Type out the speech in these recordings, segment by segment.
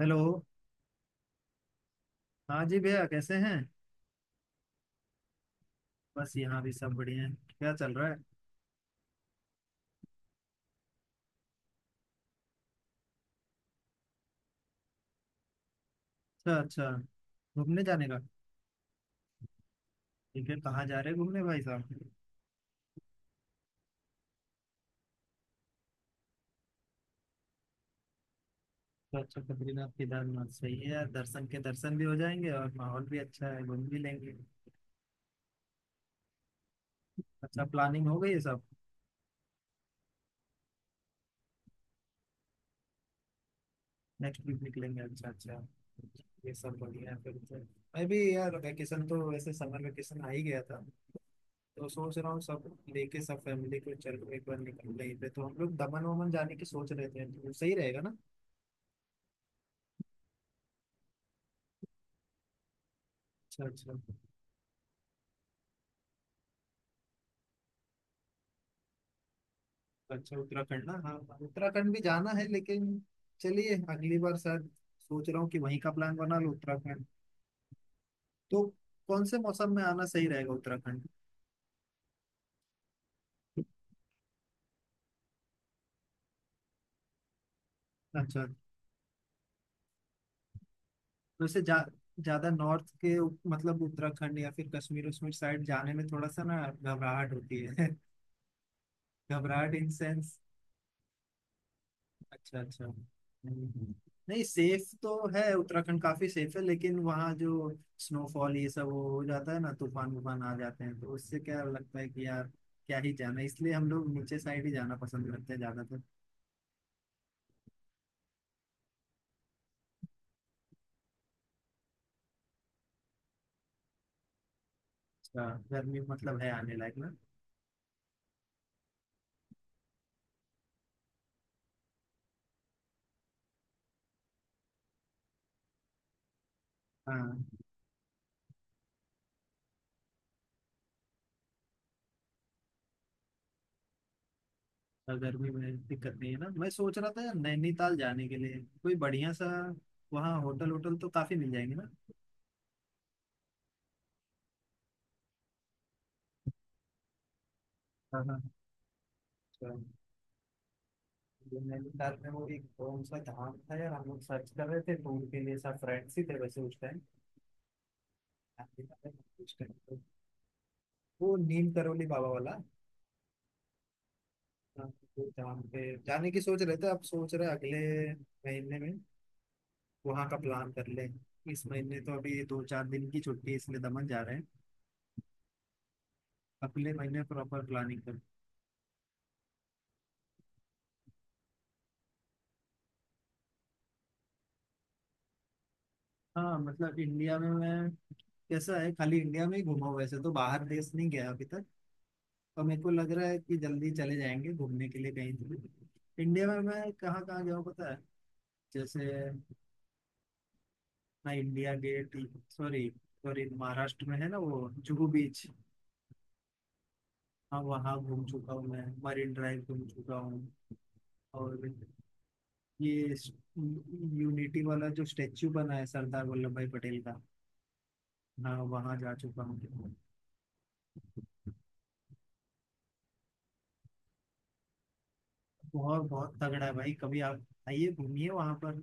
Hello. हाँ जी भैया, कैसे हैं। बस यहाँ भी सब बढ़िया हैं। क्या चल रहा है। अच्छा अच्छा। घूमने जाने का। ठीक है, कहाँ जा रहे हैं घूमने भाई साहब। अच्छा अच्छा, बद्रीनाथ केदारनाथ सही है यार। दर्शन के दर्शन भी हो जाएंगे और माहौल भी अच्छा है, घूम भी लेंगे। अच्छा, प्लानिंग हो गई है सब। नेक्स्ट वीक निकलेंगे, अच्छा अच्छा। ये सब बढ़िया है फिर तो। मैं भी यार वैकेशन तो, वैसे समर वैकेशन आ ही गया था, तो सोच रहा हूँ सब लेके सब फैमिली को, चलो एक बार निकल रही पे, तो हम लोग दमन वमन जाने की सोच रहे थे, तो सही रहेगा ना। अच्छा अच्छा। अच्छा, उत्तराखंड ना, हाँ हाँ, उत्तराखंड भी जाना है, लेकिन चलिए अगली बार शायद सोच रहा हूँ कि वहीं का प्लान बना लो उत्तराखंड तो। कौन से मौसम में आना सही रहेगा उत्तराखंड। अच्छा। वैसे जा ज्यादा नॉर्थ के मतलब उत्तराखंड या फिर कश्मीर उश्मीर साइड जाने में थोड़ा सा ना घबराहट होती है। घबराहट, इन सेंस। अच्छा अच्छा। हम्म। नहीं, सेफ तो है उत्तराखंड, काफी सेफ है, लेकिन वहाँ जो स्नोफॉल ये सब वो हो जाता है ना, तूफान वूफान आ जाते हैं, तो उससे क्या लगता है कि यार क्या ही जाना। इसलिए हम लोग नीचे साइड ही जाना पसंद करते हैं ज्यादातर। अच्छा, गर्मी मतलब है आने लायक ना। हाँ। और गर्मी में दिक्कत नहीं है ना। मैं सोच रहा था यार नैनीताल जाने के लिए कोई बढ़िया सा वहाँ होटल, होटल तो काफी मिल जाएंगे ना। हाँ हाँ। अच्छा। मेन्यू कार्ड में वो एक कौन सा धाम था यार, हम लोग सर्च कर रहे थे तो उनके लिए सब फ्रेंड्स ही थे वैसे उस टाइम। उस टाइम तो, वो नीम करोली बाबा वाला। हाँ, वो धाम पे जाने की सोच रहे थे, अब सोच रहे हैं अगले महीने में वहाँ का प्लान कर ले। इस महीने तो अभी 2 4 दिन की छुट्टी है, इसलिए दमन जा रहे हैं। अगले महीने प्रॉपर प्लानिंग कर। हाँ मतलब इंडिया में मैं कैसा है, खाली इंडिया में ही घूमा हूँ, वैसे तो बाहर देश नहीं गया अभी तक। और मेरे को लग रहा है कि जल्दी चले जाएंगे घूमने के लिए कहीं तो। इंडिया में मैं कहाँ कहाँ गया हूँ पता है। जैसे मैं India gate, sorry, sorry Maharashtra में है ना वो जुहू बीच। हाँ, वहाँ घूम चुका हूँ, मैं मरीन ड्राइव घूम चुका हूँ, और ये यूनिटी वाला जो स्टेच्यू बना है सरदार वल्लभ भाई पटेल का। हाँ, वहाँ जा चुका हूँ। बहुत बहुत तगड़ा है भाई, कभी आप आइए घूमिए वहाँ पर।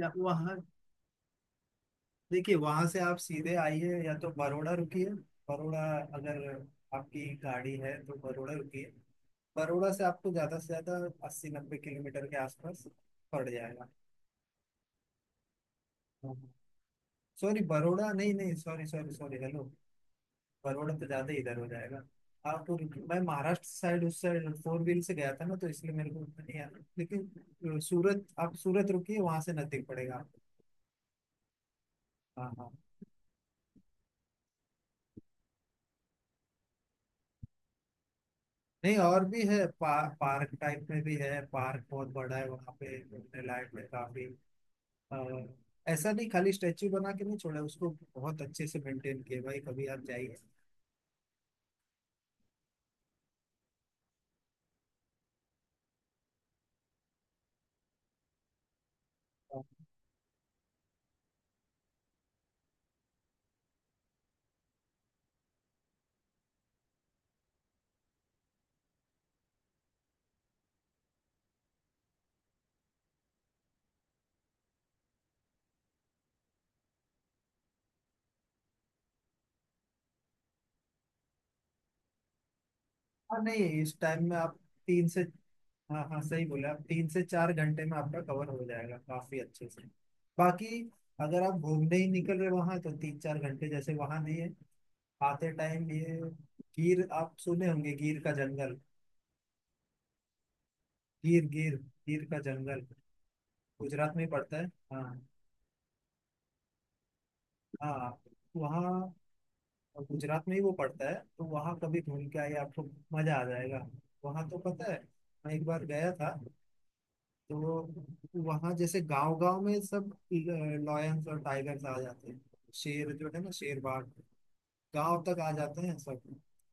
या वहाँ, देखिए, वहां से आप सीधे आइए या तो बड़ौदा रुकिए। बड़ौदा, अगर आपकी गाड़ी है तो बड़ौदा रुकिए। बड़ौदा से आपको ज्यादा से ज्यादा 80 90 किलोमीटर के आसपास पड़ जाएगा। सॉरी बड़ौदा नहीं नहीं, sorry sorry sorry, hello. Baroda तो ज्यादा ही इधर हो जाएगा। आप मैं महाराष्ट्र साइड, उस साइड फोर व्हील से गया था ना, तो इसलिए मेरे को उतना नहीं आया। लेकिन सूरत, आप सूरत रुकिए, वहां से नजदीक पड़ेगा आपको। हाँ हाँ। नहीं और भी है, पार्क टाइप में भी है, पार्क बहुत बड़ा है, वहाँ पे घूमने लायक है काफी। और ऐसा नहीं खाली स्टेच्यू बना के नहीं छोड़ा उसको, बहुत अच्छे से मेंटेन किया भाई, कभी आप जाइए। हाँ नहीं, इस टाइम में आप तीन से, हाँ हाँ सही बोले आप, 3 से 4 घंटे में आपका कवर हो जाएगा काफी अच्छे से। बाकी अगर आप घूमने ही निकल रहे वहां, तो 3 4 घंटे जैसे वहां नहीं है। आते टाइम ये गिर, आप सुने होंगे, गिर का जंगल। गिर, गिर, गिर का जंगल गुजरात में ही पड़ता है। हाँ हाँ। वहाँ, गुजरात में ही वो पड़ता है, तो वहाँ कभी घूम के आइए, आपको मजा आ जाएगा। वहाँ तो पता है, मैं एक बार गया था तो। वहाँ जैसे गांव गांव में सब लॉयंस और टाइगर्स आ जाते हैं, शेर जो है ना, शेर बाघ। गांव तक आ जाते हैं सब,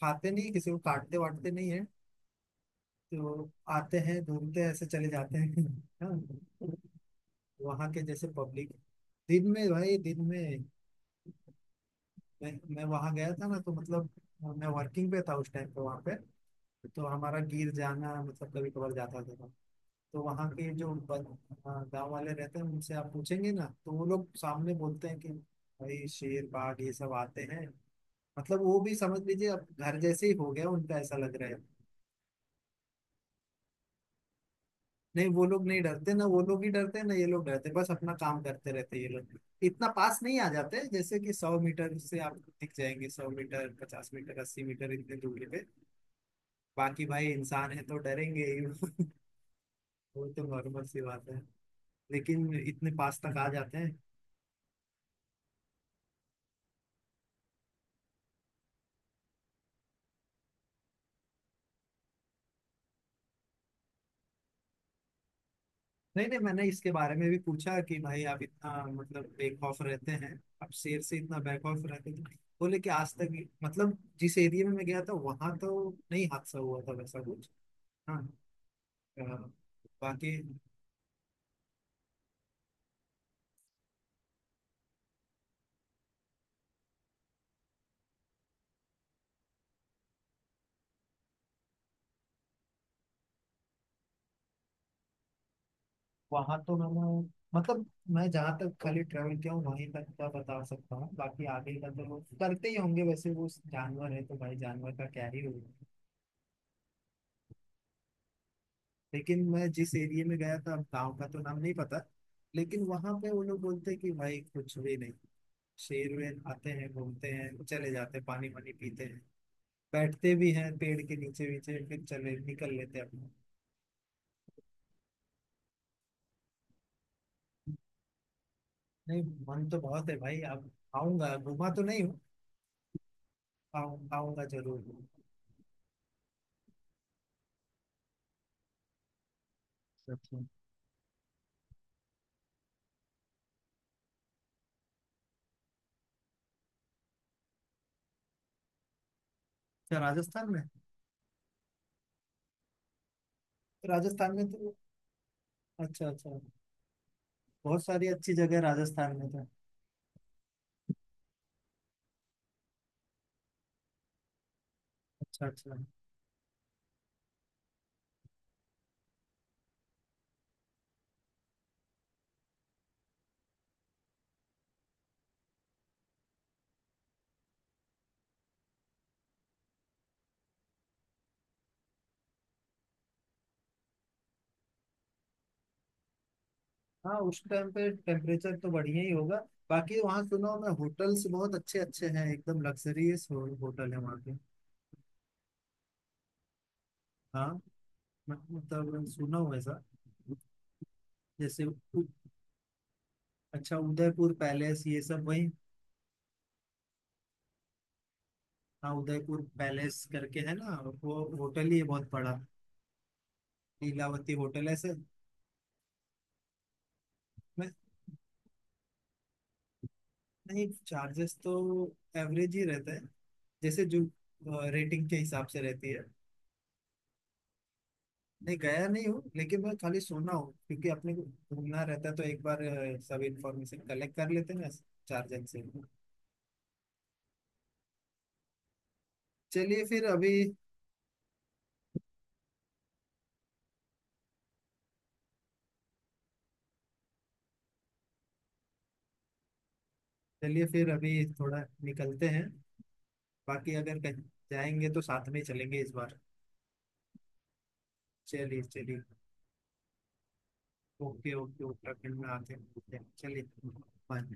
खाते नहीं, किसी को काटते वाटते नहीं है, तो आते हैं, घूमते हैं, ऐसे चले जाते हैं। हाँ, वहाँ के जैसे पब्लिक। दिन में भाई, दिन में। मैं वहां गया था ना, तो मतलब मैं वर्किंग पे था उस टाइम पे वहां पे, तो हमारा गिर जाना मतलब कभी कभार जाता था। तो वहाँ के जो गांव वाले रहते हैं उनसे आप पूछेंगे ना, तो वो लोग सामने बोलते हैं कि भाई शेर बाघ ये सब आते हैं। मतलब वो भी समझ लीजिए, अब घर जैसे ही हो गया उनका, ऐसा लग रहा है। नहीं, वो लोग नहीं डरते ना, वो लोग ही डरते हैं ना ये लोग, डरते हैं बस, अपना काम करते रहते हैं ये लोग। इतना पास नहीं आ जाते, जैसे कि 100 मीटर से आप दिख जाएंगे, 100 मीटर 50 मीटर 80 मीटर इतने दूरी पे। बाकी भाई इंसान है तो डरेंगे ही। वो तो नॉर्मल सी बात है, लेकिन इतने पास तक आ जाते हैं। नहीं नहीं, मैंने इसके बारे में भी पूछा कि भाई आप इतना मतलब बेखौफ ऑफ रहते हैं, आप शेर से इतना बैक ऑफ रहते थे। बोले कि आज तक, मतलब जिस एरिया में मैं गया था वहां तो नहीं हादसा हुआ था वैसा कुछ, हाँ। अ, बाकी वहां तो मैंने, मतलब मैं जहाँ तक खाली ट्रेवल किया हूँ वहीं तक का बता सकता हूँ, बाकी आगे का तो लोग करते ही होंगे, वैसे वो जानवर है तो भाई जानवर का क्या ही होगा। लेकिन मैं जिस एरिया में गया था, अब गांव का तो नाम नहीं पता, लेकिन वहां पे वो लोग बोलते हैं कि भाई कुछ भी नहीं। शेर वेर आते हैं, घूमते हैं, चले जाते हैं, पानी वानी पीते हैं, बैठते भी हैं पेड़ के नीचे नीचे, फिर चले निकल लेते हैं अपना। नहीं, मन तो बहुत है भाई, अब आऊंगा, घूमा तो नहीं हूँ। आऊंगा जरूर। अच्छा अच्छा। राजस्थान में तो। अच्छा अच्छा, बहुत सारी अच्छी जगह राजस्थान में तो। अच्छा अच्छा। हाँ, उस टाइम पे टेम्परेचर तो बढ़िया ही होगा। बाकी वहाँ सुनो, मैं होटल्स बहुत अच्छे अच्छे हैं, एकदम लग्जरियस होटल है वहाँ के। हाँ, मतलब सुना हूँ ऐसा। जैसे अच्छा, उदयपुर पैलेस ये सब वही। हाँ, उदयपुर पैलेस करके है ना, वो होटल ही है बहुत बड़ा। लीलावती होटल ऐसे। मैं, नहीं चार्जेस तो एवरेज ही रहता है, जैसे जो रेटिंग के हिसाब से रहती है। नहीं, गया नहीं हूँ, लेकिन मैं खाली सुना हूँ क्योंकि अपने को घूमना रहता है, तो एक बार सब इंफॉर्मेशन कलेक्ट कर लेते हैं ना। चार जन से। चलिए फिर अभी चलिए फिर अभी थोड़ा निकलते हैं। बाकी अगर कहीं जाएंगे तो साथ में चलेंगे इस बार। चलिए चलिए। ओके ओके, उत्तराखंड में आते हैं चलिए। बाय।